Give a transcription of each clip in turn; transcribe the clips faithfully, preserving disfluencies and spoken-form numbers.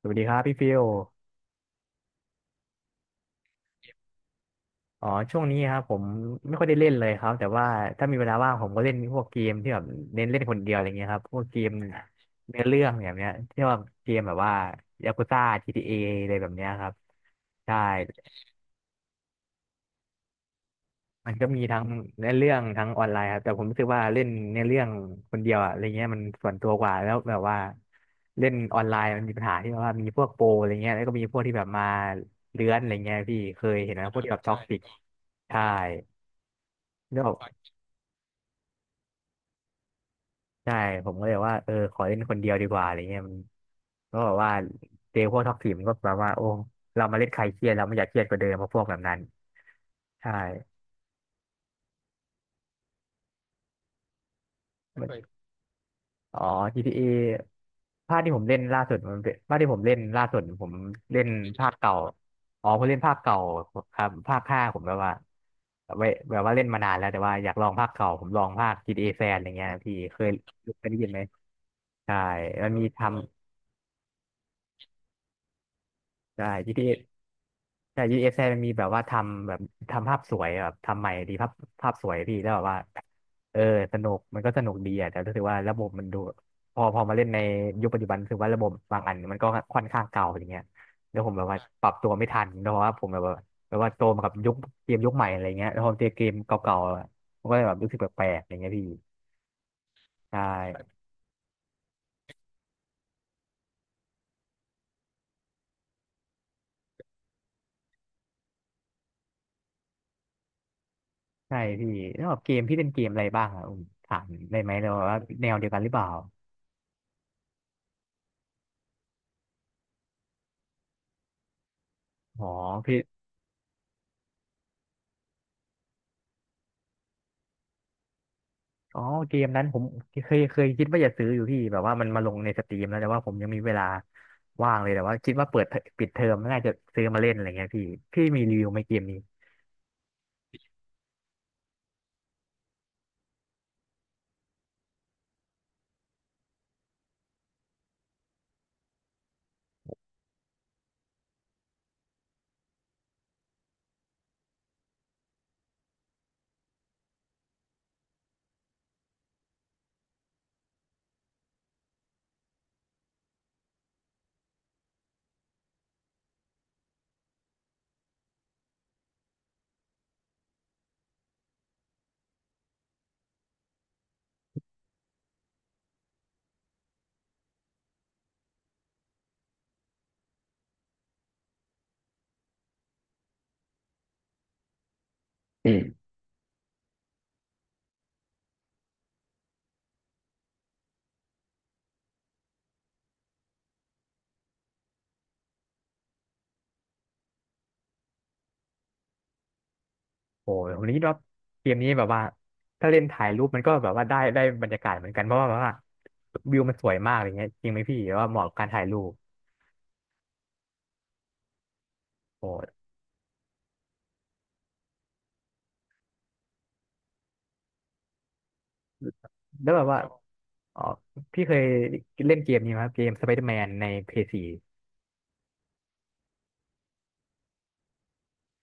สวัสดีครับพี่ฟิลอ๋อช่วงนี้ครับผมไม่ค่อยได้เล่นเลยครับแต่ว่าถ้ามีเวลาว่างผมก็เล่นพวกเกมที่แบบเน้นเล่นคนเดียวอะไรเงี้ยครับพวกเกมเนื้อเรื่องแบบเนี้ยที่ว่าเกมแบบว่ายากุซ่า จี ที เอ ออะไรแบบเนี้ยครับใช่มันก็มีทั้งเนื้อเรื่องทั้งออนไลน์ครับแต่ผมรู้สึกว่าเล่นเนื้อเรื่องคนเดียวอะอะไรเงี้ยมันส่วนตัวกว่าแล้วแบบว่าเล่นออนไลน์มันมีปัญหาที่ว่ามีพวกโปรอะไรเงี้ยแล้วก็มีพวกที่แบบมาเลื้อนอะไรเงี้ยพี่เคยเห็นไหมพวกที่แบบท็อกซิกใช่ ก็แบบใช่ผมก็เลยว่าเออขอเล่นคนเดียวดีกว่าอะไรเงี้ยมันก็แบบว่าเจอพวกท็อกซีมันก็แบบว่าโอ้เรามาเล่นใครเครียดเราไม่อยากเครียดกว่าเดิมเพราะพวกแบบนั้นใช่ไมันอ๋อ จี ที เอ ภาคที่ผมเล่นล่าสุดมันเป็นภาคที่ผมเล่นล่าสุดผมเล่นภาคเก่าอ๋อผมเล่นภาคเก่าครับภาคห้าผมแบบว่าไว้แบบว่าเล่นมานานแล้วแต่ว่าอยากลองภาคเก่าผมลองภาค จี ที เอ แฟนอะไรเงี้ยพี่เคยเคยได้ยินไหมใช่มันมีทำใช่ จี ที เอ แต่ ยู เอฟ ซี มันมีแบบว่าทำแบบทำภาพสวยแบบทำใหม่ดีภาพภาพสวยพี่แล้วแบบว่าเออสนุกมันก็สนุกดีอ่ะแต่รู้สึกว่าระบบมันดูพอพอมาเล่นในยุคปัจจุบันรู้สึกว่าระบบบางอันมันก็ค่อนข้างเก่าอย่างเงี้ยแล้วผมแบบว่าปรับตัวไม่ทันเพราะว่าผมแบบว่าแบบว่าโตมากับยุคเกมยุคใหม่อะไรเงี้ยแล้วพอเจอเกมเก่าๆอะมันก็เลยแบบรู้สึกแปลกๆอย่างเงี้ยพี่ใช่ใช่พี่แล้วแบบเกมพี่เล่นเกมอะไรบ้างอ่ะอืมถามได้ไหมเนอะว่าแนวเดียวกันหรือเปล่าอ๋อพี่ อ๋อเกมนั้นผมเคยเคยคิดว่าจะซื้ออยู่พี่แบบว่ามันมาลงในสตรีมแล้วแต่ว่าผมยังมีเวลาว่างเลยแต่ว่าคิดว่าเปิดเทอปิดเทอมน่าจะซื้อมาเล่นอะไรเงี้ยพี่พี่มีรีวิวไหมเกมนี้โอ้ยผมคิดว่าเกมนี้แบบว่าถ้าเล่นถ่ายรูปมันก็แบบว่าได้ได้บรรยากาศเหมือนกันเพราะว่าแบบว่าวิวมันสวยมากอะไรเงี้ยจริงไหมพี่หรือว่าเหมาะกับการถ่ายรูปโอ้ยแล้วแบบว่าอ๋อพี่เคยเล่นเกมนี้ไหมครับเกมสไปเดอร์แมนในเพย์ซี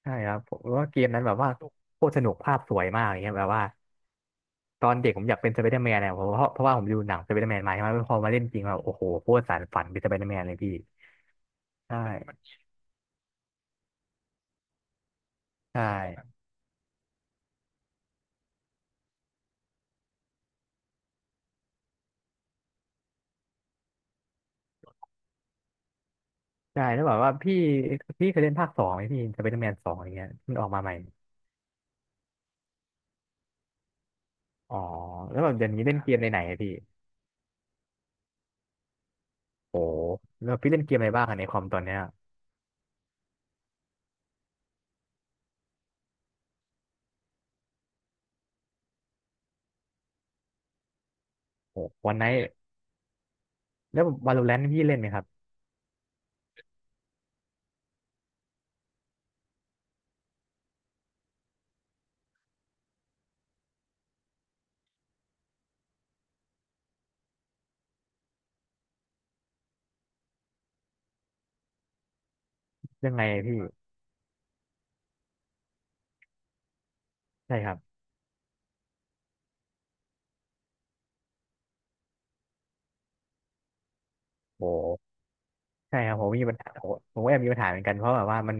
ใช่ครับผมว่าเกมนั้นแบบว่าโคตรสนุกภาพสวยมากอย่างเงี้ยแบบว่า ตอนเด็กผมอยากเป็นสไปเดอร์แมนนะเพราะว่าเพราะว่าผมดูหนังสไปเดอร์แมนมาใช่ไหมพอมาเล่นจริงแล้วโอ้โหโคตรสานฝันเป็นสไปเดอร์แมนเลยพี่ใช่มใช่ใช่แใล้วบอกว่าพี่พี่เคยเล่นภาคสองไหมพี่สไปเดอร์แมนสองอย่างเงี้ยมันออกมาใหม่อ๋อแล้วแบบเดี๋ยวนี้เล่นเกมในไหนอะพี่โอ้แล้วพี่เล่นเกมอะไรบ้างอะในคอมตอนเนี้ยโอ้วันไนท์แล้ววาโลแรนต์พี่เล่นไหมครับยังไงพี่ใช่ครับโอ้ ใช่ครับผมมีปัญหาผมผมก็แอบมีปัญหาเหมือนกันเพราะแบบว่ามัน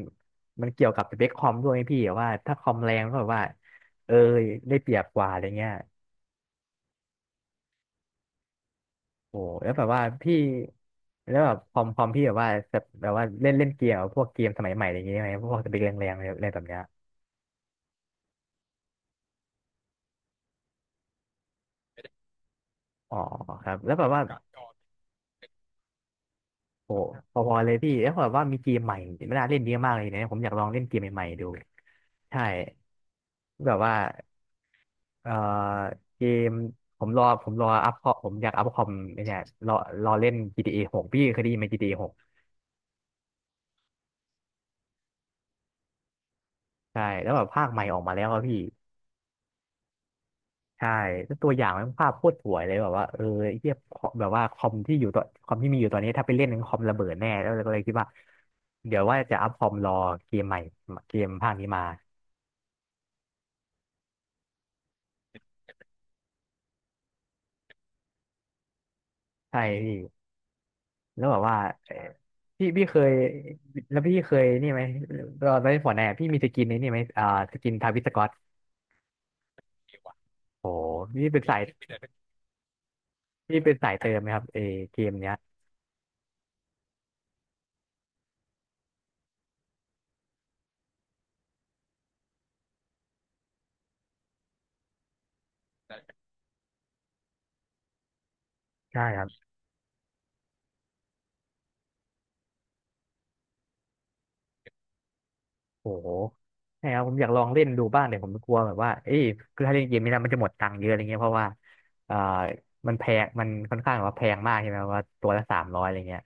มันเกี่ยวกับสเปคคอมด้วยไงพี่แบบว่าถ้าคอมแรงก็แบบว่าเออได้เปรียบกว่าอะไรเงี้ยโอ้แล้วแบบว่าพี่แล้วแบบคอมคอมพี่แบบว่าแบบแบบว่าเล่นเล่นเกมแบบพวกเกมสมัยใหม่อะไรเงี้ยไหมพวกสเปคแรงๆอะไรอะไรแบบเนี้ยอ๋อครับแล้วแบบว่าโอ้พอๆเลยพี่แล้วแบบว่ามีเกมใหม่ไม่น่าเล่นเยอะมากเลยนะผมอยากลองเล่นเกมใหม่ๆดูใช่แบบว่า เอ่อเกมผมรอผมรออัพคอมผมอยากอัพคอมไอ้เนี่ยรอรอเล่น จี ที เอ หกพี่เคยได้ยินไหม จี ที เอ หกใช่แล้วแบบภาคใหม่ออกมาแล้วอะพี่ใช่แล้วตัวอย่างมันภาพโคตรสวยเลยแบบว่าเออไอ้เทียบแบบว่าคอมที่อยู่ตอนคอมที่มีอยู่ตอนนี้ถ้าไปเล่นคอมระเบิดแน่แล้วก็เลยคิดว่าเดี๋ยวว่าจะอัพคอมรอเกมใหม่เกมภาคนี้มาใช่พี่แล้วแบบว่าเอ่อพี่พี่เคยแล้วพี่เคยนี่ไหมตอนเล่นฟอร์ตไนพี่มีสกินในนี่ไหมอ่าสกินทาวิสกอ โอหนี่เป็นสายนี่เป็นสายเติมไหมครับเอเกมเนี้ยใช่ครับโอ้โหใช่ครับผมอยากลองเล่นดูบ้างแต่ผมกลัวแบบว่าเอ้ยคือถ้าเล่นเกมนี้นะมันจะหมดตังค์เยอะอะไรเงี้ยเพราะว่าเอ่อมันแพงมันค่อนข้างแบบว่าแพงมากใช่ไหมว่าตัวละสามร้อยอะไรเงี้ย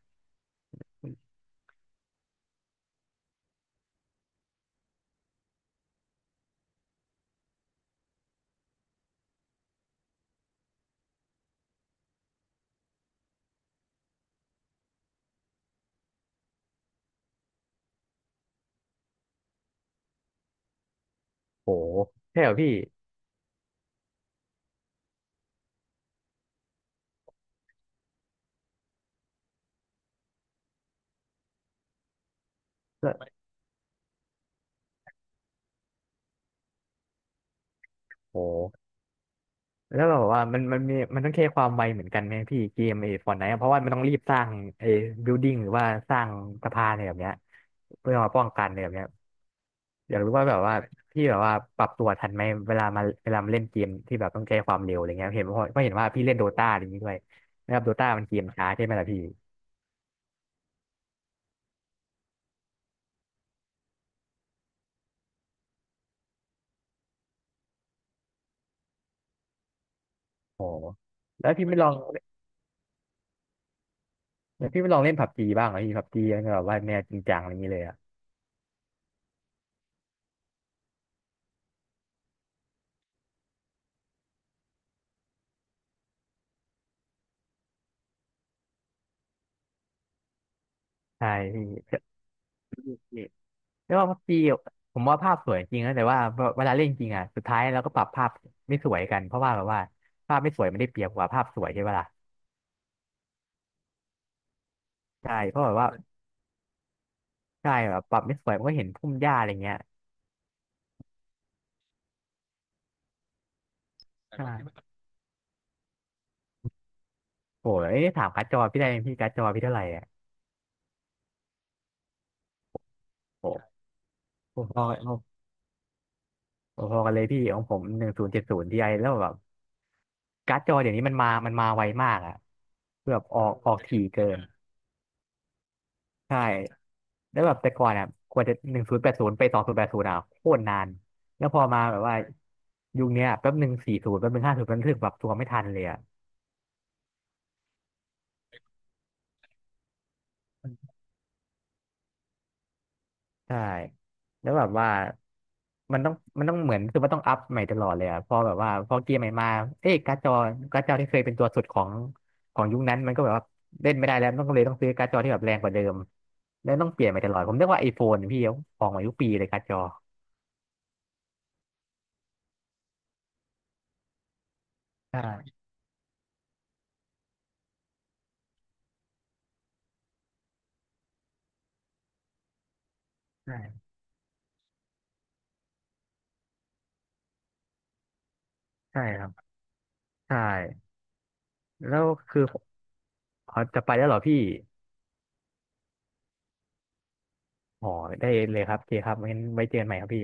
โอ้โหใช่เหรอพี่แล้วโอ้โหแล้วแบบว่ามันมันมีมันต้องแค่ความไวเหมือนกันไหมพี่เกมไอ้ฟอร์ตไนท์เพราะว่ามันต้องรีบสร้างไอ้บิลดิ้งหรือว่าสร้างสะพานอะไรแบบเนี้ยเพื่อมาป้องกันอะไรแบบเนี้ย อยากรู้ว่าแบบว่าพี่แบบว่าปรับตัวทันไหมเวลามาเวลามาเล่นเกมที่แบบต้องใช้ความเร็วอะไรเงี้ยเห็นเพราะเพราะเห็นว่าพี่เล่นโดตาอะไรอย่างงี้ด้วยนะครับโดตามันเกมช้าใช่ไหมล่ะพี่โอ้แล้วพี่ไม่ลองแล้วพี่ไม่ลองเล่นผับจีบ้างเหรอพี่ผับจีมันแบบว่าแนวจริงจังอะไรอย่างงี้เลยอ่ะใช่พี่นี่แล้วว่าผับจีผมว่าภาพสวยจริงนะแต่ว่าเวลาเล่นจริงอ่ะสุดท้ายเราก็ปรับภาพไม่สวยกันเพราะว่าแบบว่าภาพไม่สวยมันได้เปรียบกว่าภาพสวยใช่ปะล่ะใช่เพราะแบบว่าใช่แบบปรับไม่สวยมันก็เห็นพุ่มหญ้าอะไรเงี้ยใช่ โอ้ยเอถามการ์ดจอพี่ได้ไหมพี่การ์ดจอพี่เท่าไหร่อ่ะโอ้โหพอพอพอกันเลยพี่ของผมหนึ่งศูนย์เจ็ดศูนย์ทีไอแล้วแบบการ์ดจอเดี๋ยวนี้มันมา มันมาไวมากอ่ะแบบออกออกถี่เกิน ใช่แล้วแบบแต่ก่อนอ่ะกว่าจะหนึ่งศูนย์แปดศูนย์ไปสองศูนย์แปดศูนย์อ่ะโคตรนาน แล้วพอมาแบบว่ายุคเนี้ยแป๊บหนึ่งสี่ศูนย์แป๊บหนึ่งห้าศูนย์มันถึงแบบตัวไม่ทันเลยอ่ะ ใช่แล้วแบบว่ามันต้องมันต้องเหมือนคือมันต้องอัพใหม่ตลอดเลยอะพอแบบว่าพอเกียร์ใหม่มาเอ๊ะการ์ดจอการ์ดจอที่เคยเป็นตัวสุดของของยุคนั้นมันก็แบบว่าเล่นไม่ได้แล้วต้องเลยต้องซื้อการ์ดจอที่แบบแรงกว่าเดิมแล้วต้องเปลี่ยนใหม่ตลอดผมเรียกว่าไอโฟนพี่ออกมาทุกปีเลยการ์ดจอใช่ใช่ใช่ครับใช่แล้วคืออ๋อจะไปแล้วเหรอพี่อ๋อได้เลยครับโอเคครับงั้นไว้เจอกันใหม่ครับพี่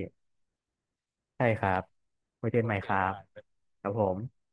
ใช่ครับไว้เจอกันใหม่ครับครับผม